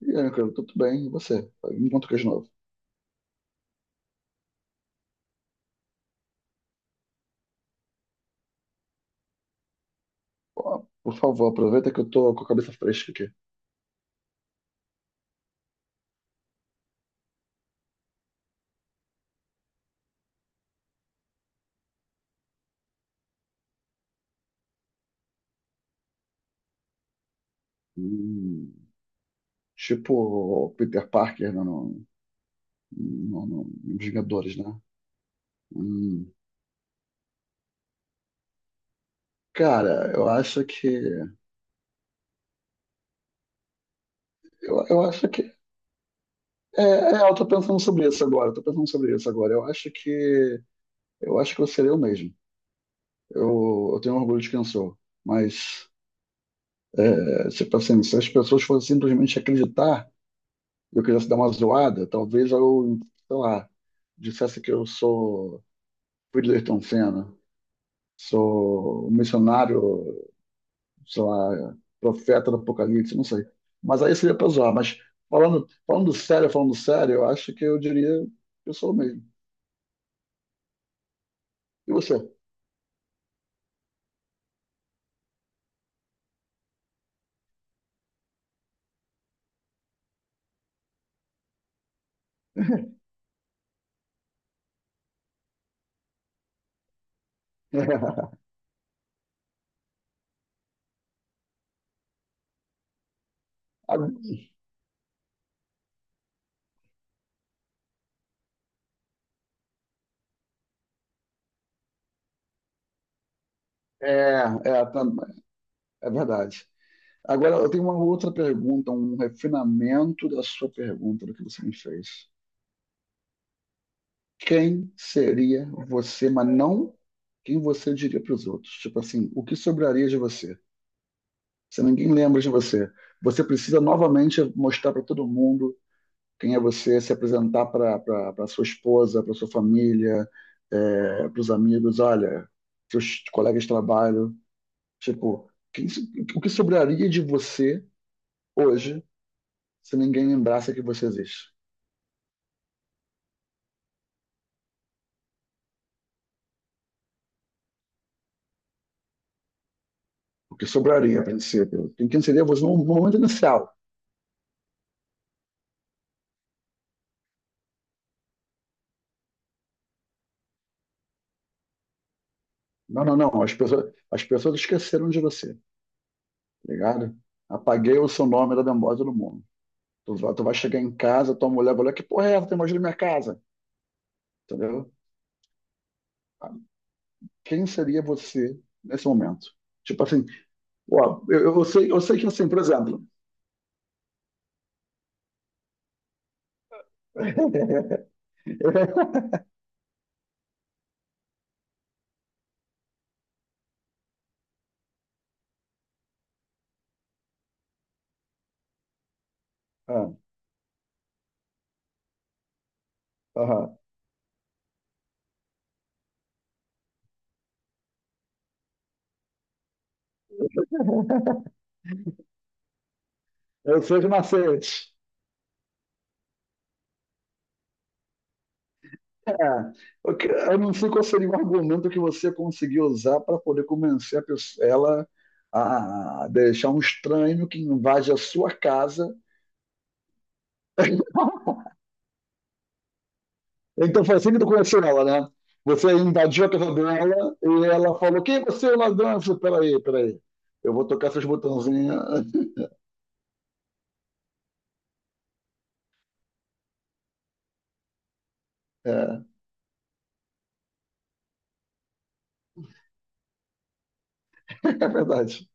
E aí, meu querido, tudo bem? E você? Me conta o que é de novo. Ó, por favor, aproveita que eu tô com a cabeça fresca aqui. Hum. Tipo o Peter Parker, né, no, nos Vingadores, né? hum. Cara, eu acho que. Eu acho que. É, eu tô pensando sobre isso agora. Eu acho que. Eu acho que eu seria eu mesmo. Eu tenho orgulho de quem eu sou. Mas, tipo assim, se as pessoas fossem simplesmente acreditar. Eu quisesse dar uma zoada, talvez eu, sei lá, dissesse que eu sou Whittleston Senna, sou um missionário, sei lá, profeta do Apocalipse, não sei. Mas aí seria para zoar. Mas falando sério, eu acho que eu diria que eu sou o mesmo. E você? É, é, tam- é verdade. Agora, eu tenho uma outra pergunta, um refinamento da sua pergunta, do que você me fez. Quem seria você, mas não quem você diria para os outros. Tipo assim, o que sobraria de você? Se ninguém lembra de você, você precisa novamente mostrar para todo mundo quem é você, se apresentar para sua esposa, para sua família, para os amigos, olha, seus colegas de trabalho. Tipo, quem so- o que sobraria de você hoje se ninguém lembrasse que você existe? O que sobraria, a princípio? Quem seria você no momento inicial? Não, não, não. As pessoas esqueceram de você, tá ligado? Apaguei o seu nome da memória do mundo. Tu vai chegar em casa, tua mulher vai olhar, que porra é essa? Tem mais na minha casa, entendeu? Quem seria você nesse momento? Tipo assim, ó, eu sei que assim, por exemplo. Ah, aham. Eu sou de macete. É, eu não sei qual seria o argumento que você conseguiu usar para poder convencer a pessoa, ela a deixar um estranho que invade a sua casa. Então foi assim que tu conheceu ela, né? Você invadiu a casa dela e ela falou: quem é você, ladrão? Eu falei, peraí, peraí. Eu vou tocar seus botãozinhos. É, é verdade.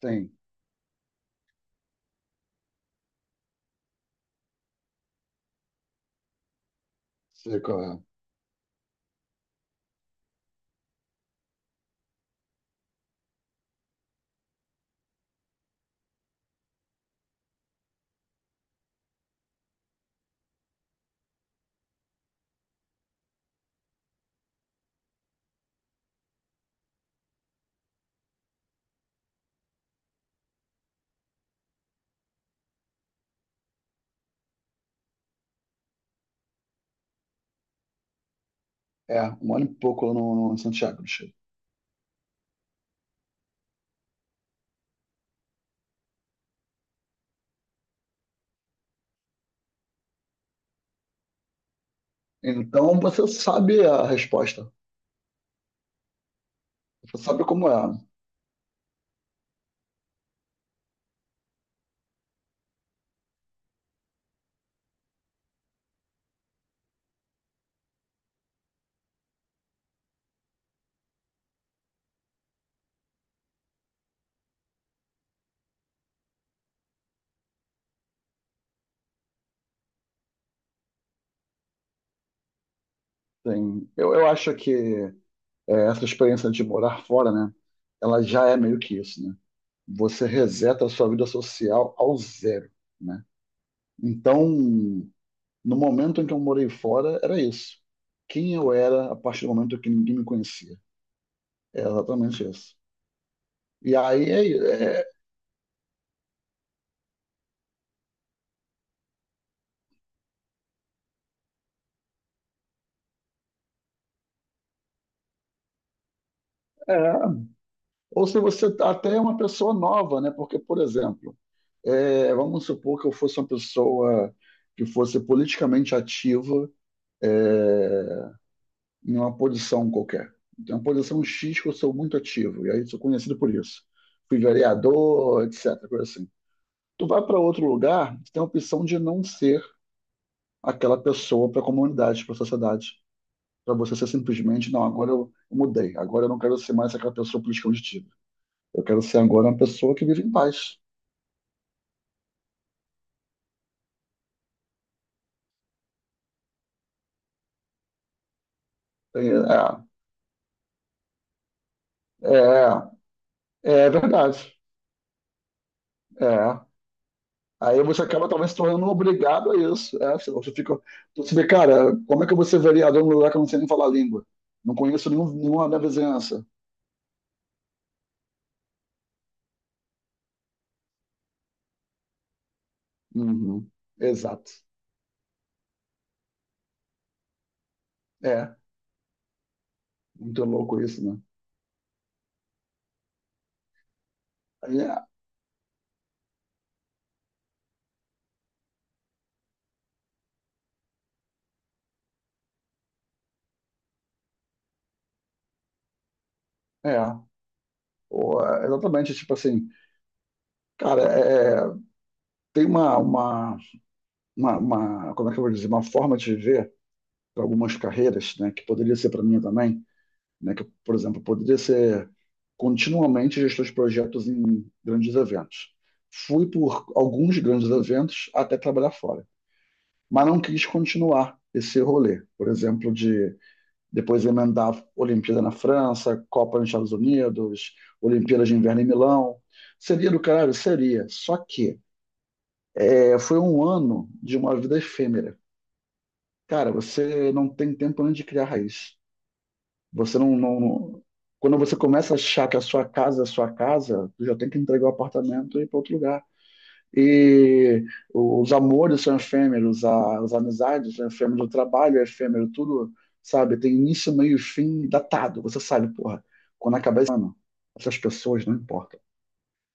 Tem. Sei qual é. É, um ano e pouco lá no Santiago do Chile. Então você sabe a resposta. Você sabe como é. Tem, eu acho que essa experiência de morar fora, né? Ela já é meio que isso, né? Você reseta a sua vida social ao zero, né? Então, no momento em que eu morei fora, era isso. Quem eu era a partir do momento que ninguém me conhecia. É exatamente isso. E aí é, é- é. Ou se você até é uma pessoa nova, né? Porque, por exemplo, vamos supor que eu fosse uma pessoa que fosse politicamente ativa, é, em uma posição qualquer. Tem uma posição X que eu sou muito ativo, e aí sou conhecido por isso. Fui vereador, etc. Coisa assim. Tu vai para outro lugar, tu tem a opção de não ser aquela pessoa para a comunidade, para a sociedade. Para você ser simplesmente, não, agora eu mudei, agora eu não quero ser mais aquela pessoa política ativa. Eu quero ser agora uma pessoa que vive em paz. É, é, é verdade. É. Aí você acaba talvez se tornando obrigado a isso. É, você fica, você vê, cara, como é que eu vou ser vereador num lugar que eu não sei nem falar a língua? Não conheço nenhum, nenhuma da vizinhança. Uhum. Exato. É, muito louco isso, né? É, é. Pô, exatamente, tipo assim, cara, tem uma, como é que eu vou dizer, uma forma de viver para algumas carreiras, né, que poderia ser para mim também, né, que, por exemplo, poderia ser continuamente gestor de projetos em grandes eventos. Fui por alguns grandes eventos até trabalhar fora, mas não quis continuar esse rolê, por exemplo, de depois emendar Olimpíada na França, Copa nos Estados Unidos, Olimpíadas de Inverno em Milão. Seria do caralho? Seria. Só que foi um ano de uma vida efêmera. Cara, você não tem tempo nem de criar raiz. Você não, não- Quando você começa a achar que a sua casa é a sua casa, tu já tem que entregar o apartamento e ir para outro lugar. E os amores são efêmeros, a- as amizades são efêmeras, o trabalho é efêmero, tudo, sabe? Tem início, meio e fim datado. Você sabe, porra, quando acabar esse ano, essas pessoas não importam.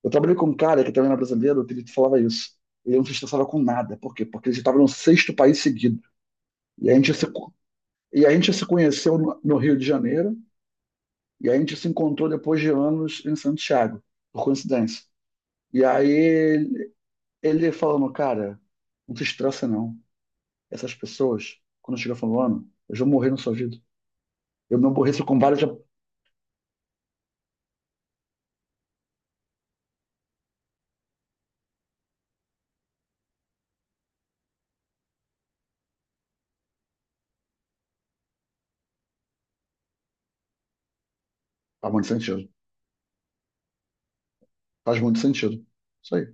Eu trabalhei com um cara que também era brasileiro, que ele falava isso. Ele não se estressava com nada. Por quê? Porque ele estava no sexto país seguido. E a gente se e a gente se conheceu no Rio de Janeiro e a gente se encontrou depois de anos em Santiago, por coincidência. E aí ele falando, cara, não se estressa não. Essas pessoas, quando chega falando ano, eu já morri no sua vida. Eu me aborreço com vários... já faz muito sentido. Faz muito sentido. Isso aí.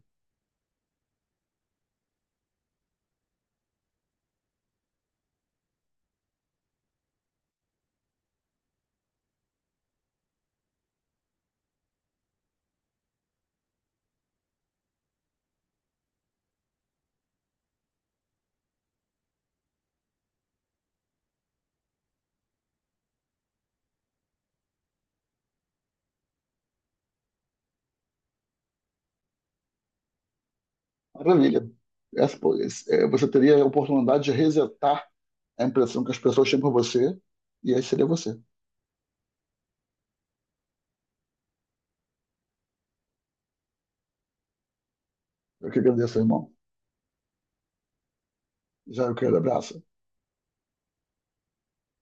Maravilha. É, você teria a oportunidade de resetar a impressão que as pessoas têm por você e aí seria você. Eu que agradeço, irmão. Já eu quero abraço.